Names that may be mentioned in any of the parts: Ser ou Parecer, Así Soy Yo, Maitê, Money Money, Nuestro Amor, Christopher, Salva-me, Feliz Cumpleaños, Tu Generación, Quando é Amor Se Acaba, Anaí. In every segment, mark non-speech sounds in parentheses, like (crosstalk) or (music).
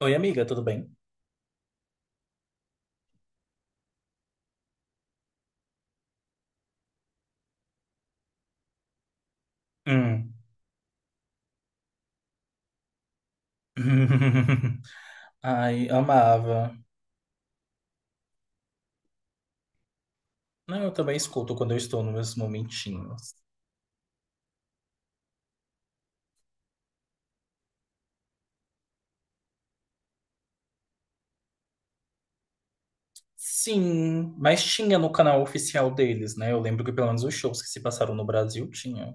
Oi, amiga, tudo bem? Hum. (laughs) Ai, amava. Não, eu também escuto quando eu estou nos meus momentinhos. Sim, mas tinha no canal oficial deles, né? Eu lembro que pelo menos os shows que se passaram no Brasil tinha.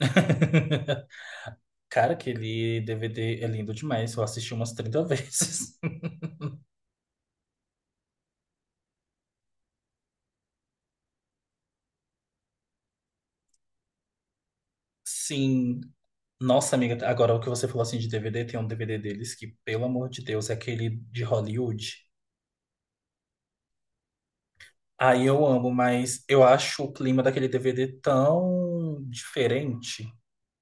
(laughs) Cara, aquele DVD é lindo demais. Eu assisti umas 30 vezes. (laughs) Sim. Nossa, amiga, agora o que você falou assim de DVD, tem um DVD deles que, pelo amor de Deus, é aquele de Hollywood. Aí eu amo, mas eu acho o clima daquele DVD tão diferente.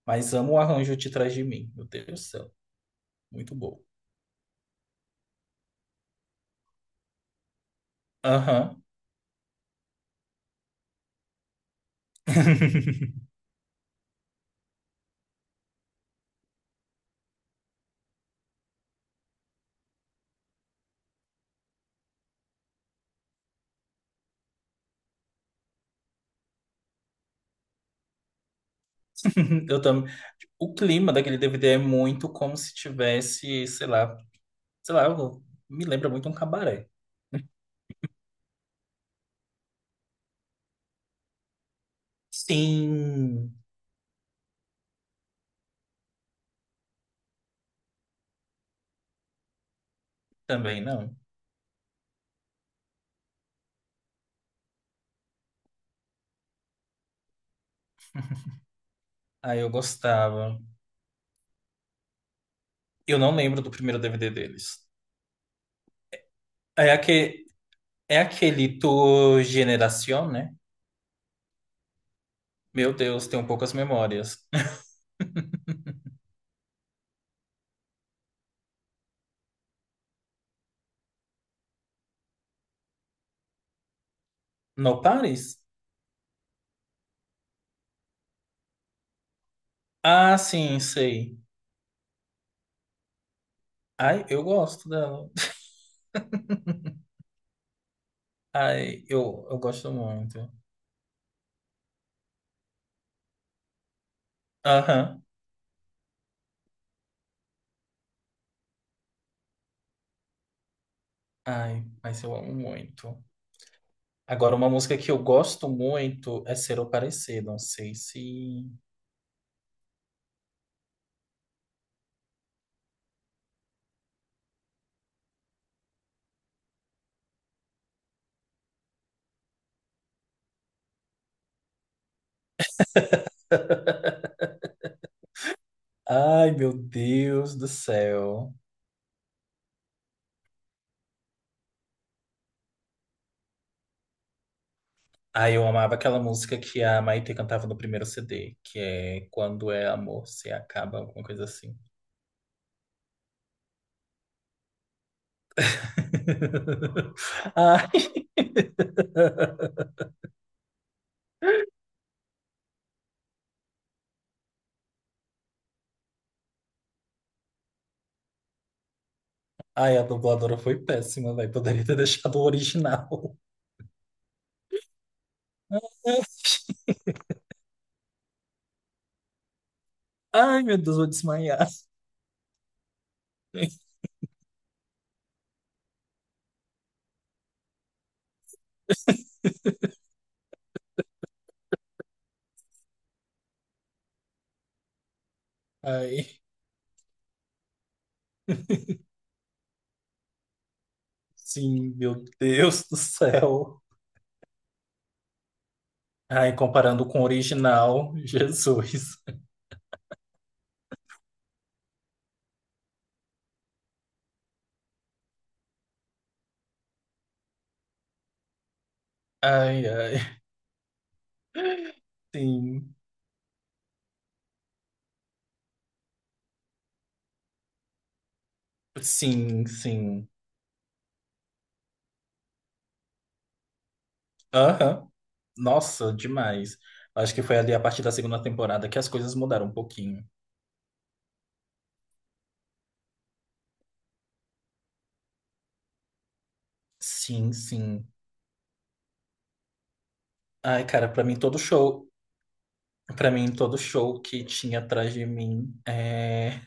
Mas amo o arranjo de trás de mim. Meu Deus do céu. Muito bom. Aham. (laughs) Eu também. O clima daquele DVD é muito como se tivesse, sei lá, sei lá, eu- me lembra muito um cabaré. Sim, também não. Aí eu gostava. Eu não lembro do primeiro DVD deles. É aquele, é aquele Tu Generación, né? Meu Deus, tenho poucas memórias. (laughs) No Paris? Ah, sim, sei. Ai, eu gosto dela. (laughs) Ai, eu gosto muito. Aham. Ai, mas eu amo muito. Agora, uma música que eu gosto muito é Ser ou Parecer. Não sei se. Ai, meu Deus do céu. Ai, eu amava aquela música que a Maitê cantava no primeiro CD, que é Quando é Amor Se Acaba, alguma coisa assim. (laughs) Ai, ai, a dubladora foi péssima, velho. Poderia ter deixado o original. (laughs) Ai, meu Deus, vou desmaiar. Ai, sim, meu Deus do céu. Ai, comparando com o original, Jesus. Ai, sim, sim, sim. Aham. Nossa, demais. Acho que foi ali a partir da segunda temporada que as coisas mudaram um pouquinho. Sim, sim. Ai, cara, pra mim todo show que tinha atrás de mim é,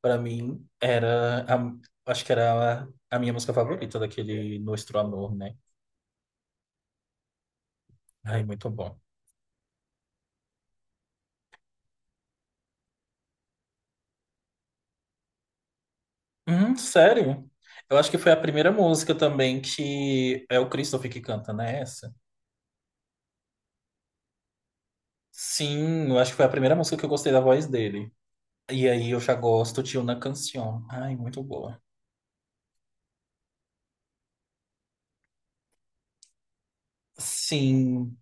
Pra mim, era a- acho que era a minha música favorita daquele Nuestro Amor, né? Ai, muito bom. Sério? Eu acho que foi a primeira música também que é o Christopher que canta, né? Essa? Sim, eu acho que foi a primeira música que eu gostei da voz dele. E aí eu já gosto de Una Canción. Ai, muito boa. Sim.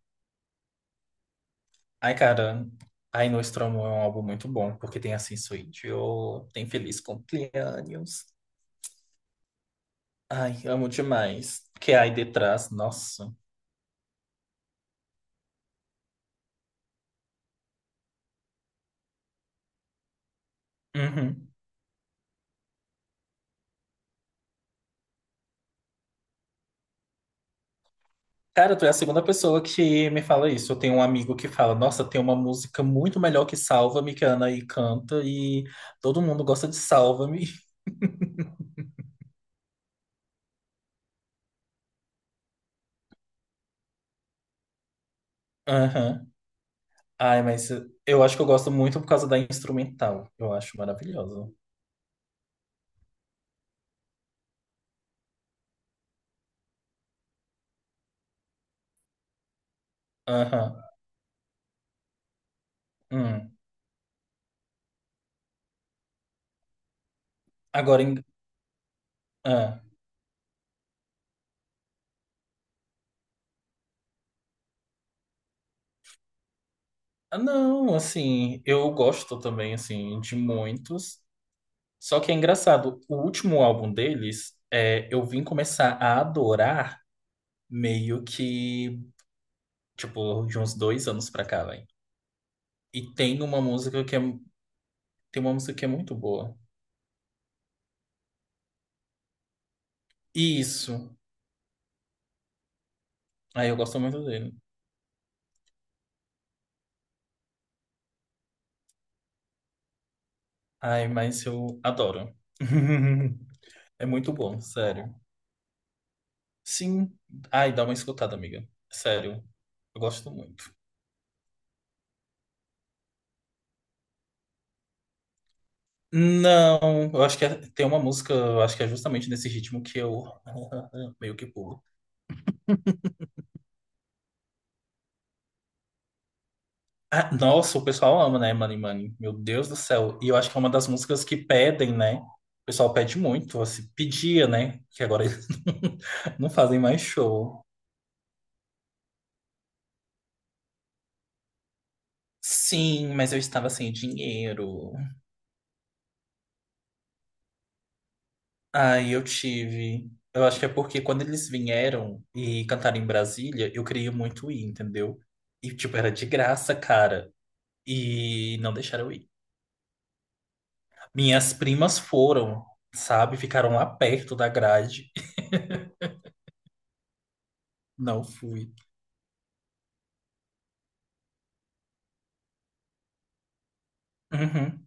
Ai, cara. Ai, Nuestro Amor é um álbum muito bom, porque tem Assim Sou Yo, tem Feliz Cumpleaños. Ai, amo demais. Que aí detrás, nossa. Uhum. Cara, tu é a segunda pessoa que me fala isso. Eu tenho um amigo que fala: Nossa, tem uma música muito melhor que Salva-me, que a Anaí canta, e todo mundo gosta de Salva-me. (laughs) Aham. Ai, mas eu acho que eu gosto muito por causa da instrumental. Eu acho maravilhosa. Aham. Hum. Agora, em... ah. Ah, Não, assim, eu gosto também, assim, de muitos. Só que é engraçado, o último álbum deles, é, eu vim começar a adorar meio que. Tipo, de uns dois anos pra cá, velho. E tem uma música que é muito boa. E Isso. aí eu gosto muito dele. Ai, mas eu adoro. (laughs) É muito bom, sério. Sim. Ai, dá uma escutada, amiga. Sério. Eu gosto muito. Não, eu acho que é- tem uma música, eu acho que é justamente nesse ritmo que eu (laughs) meio que pulo. Ah, nossa, o pessoal ama, né, Money Money? Meu Deus do céu. E eu acho que é uma das músicas que pedem, né? O pessoal pede muito, assim, pedia, né? Que agora eles (laughs) não fazem mais show. Sim, mas eu estava sem dinheiro. Aí eu tive. Eu acho que é porque quando eles vieram e cantaram em Brasília, eu queria muito ir, entendeu? E, tipo, era de graça, cara. E não deixaram eu ir. Minhas primas foram, sabe? Ficaram lá perto da grade. (laughs) Não fui. Uhum.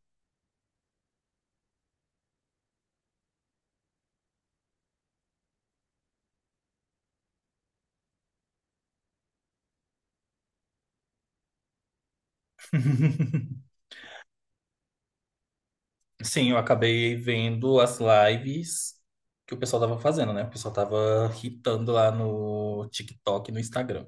(laughs) Sim, eu acabei vendo as lives que o pessoal tava fazendo, né? O pessoal tava hitando lá no TikTok e no Instagram.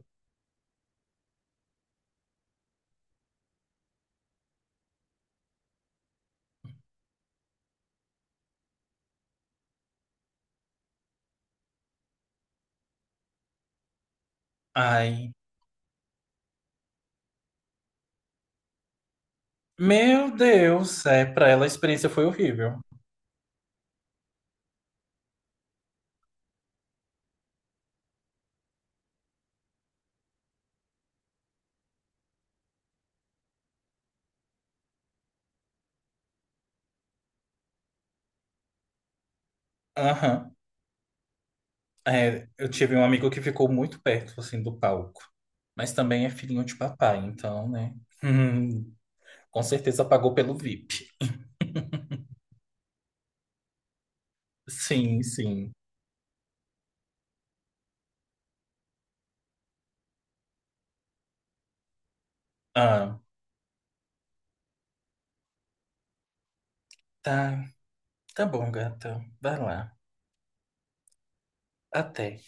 Ai, meu Deus, é, pra ela a experiência foi horrível. Aham. É, eu tive um amigo que ficou muito perto, assim, do palco. Mas também é filhinho de papai, então, né? (laughs) Hum, com certeza pagou pelo VIP. Sim, sim. Ah, tá. Tá bom, gata. Vai lá. Até.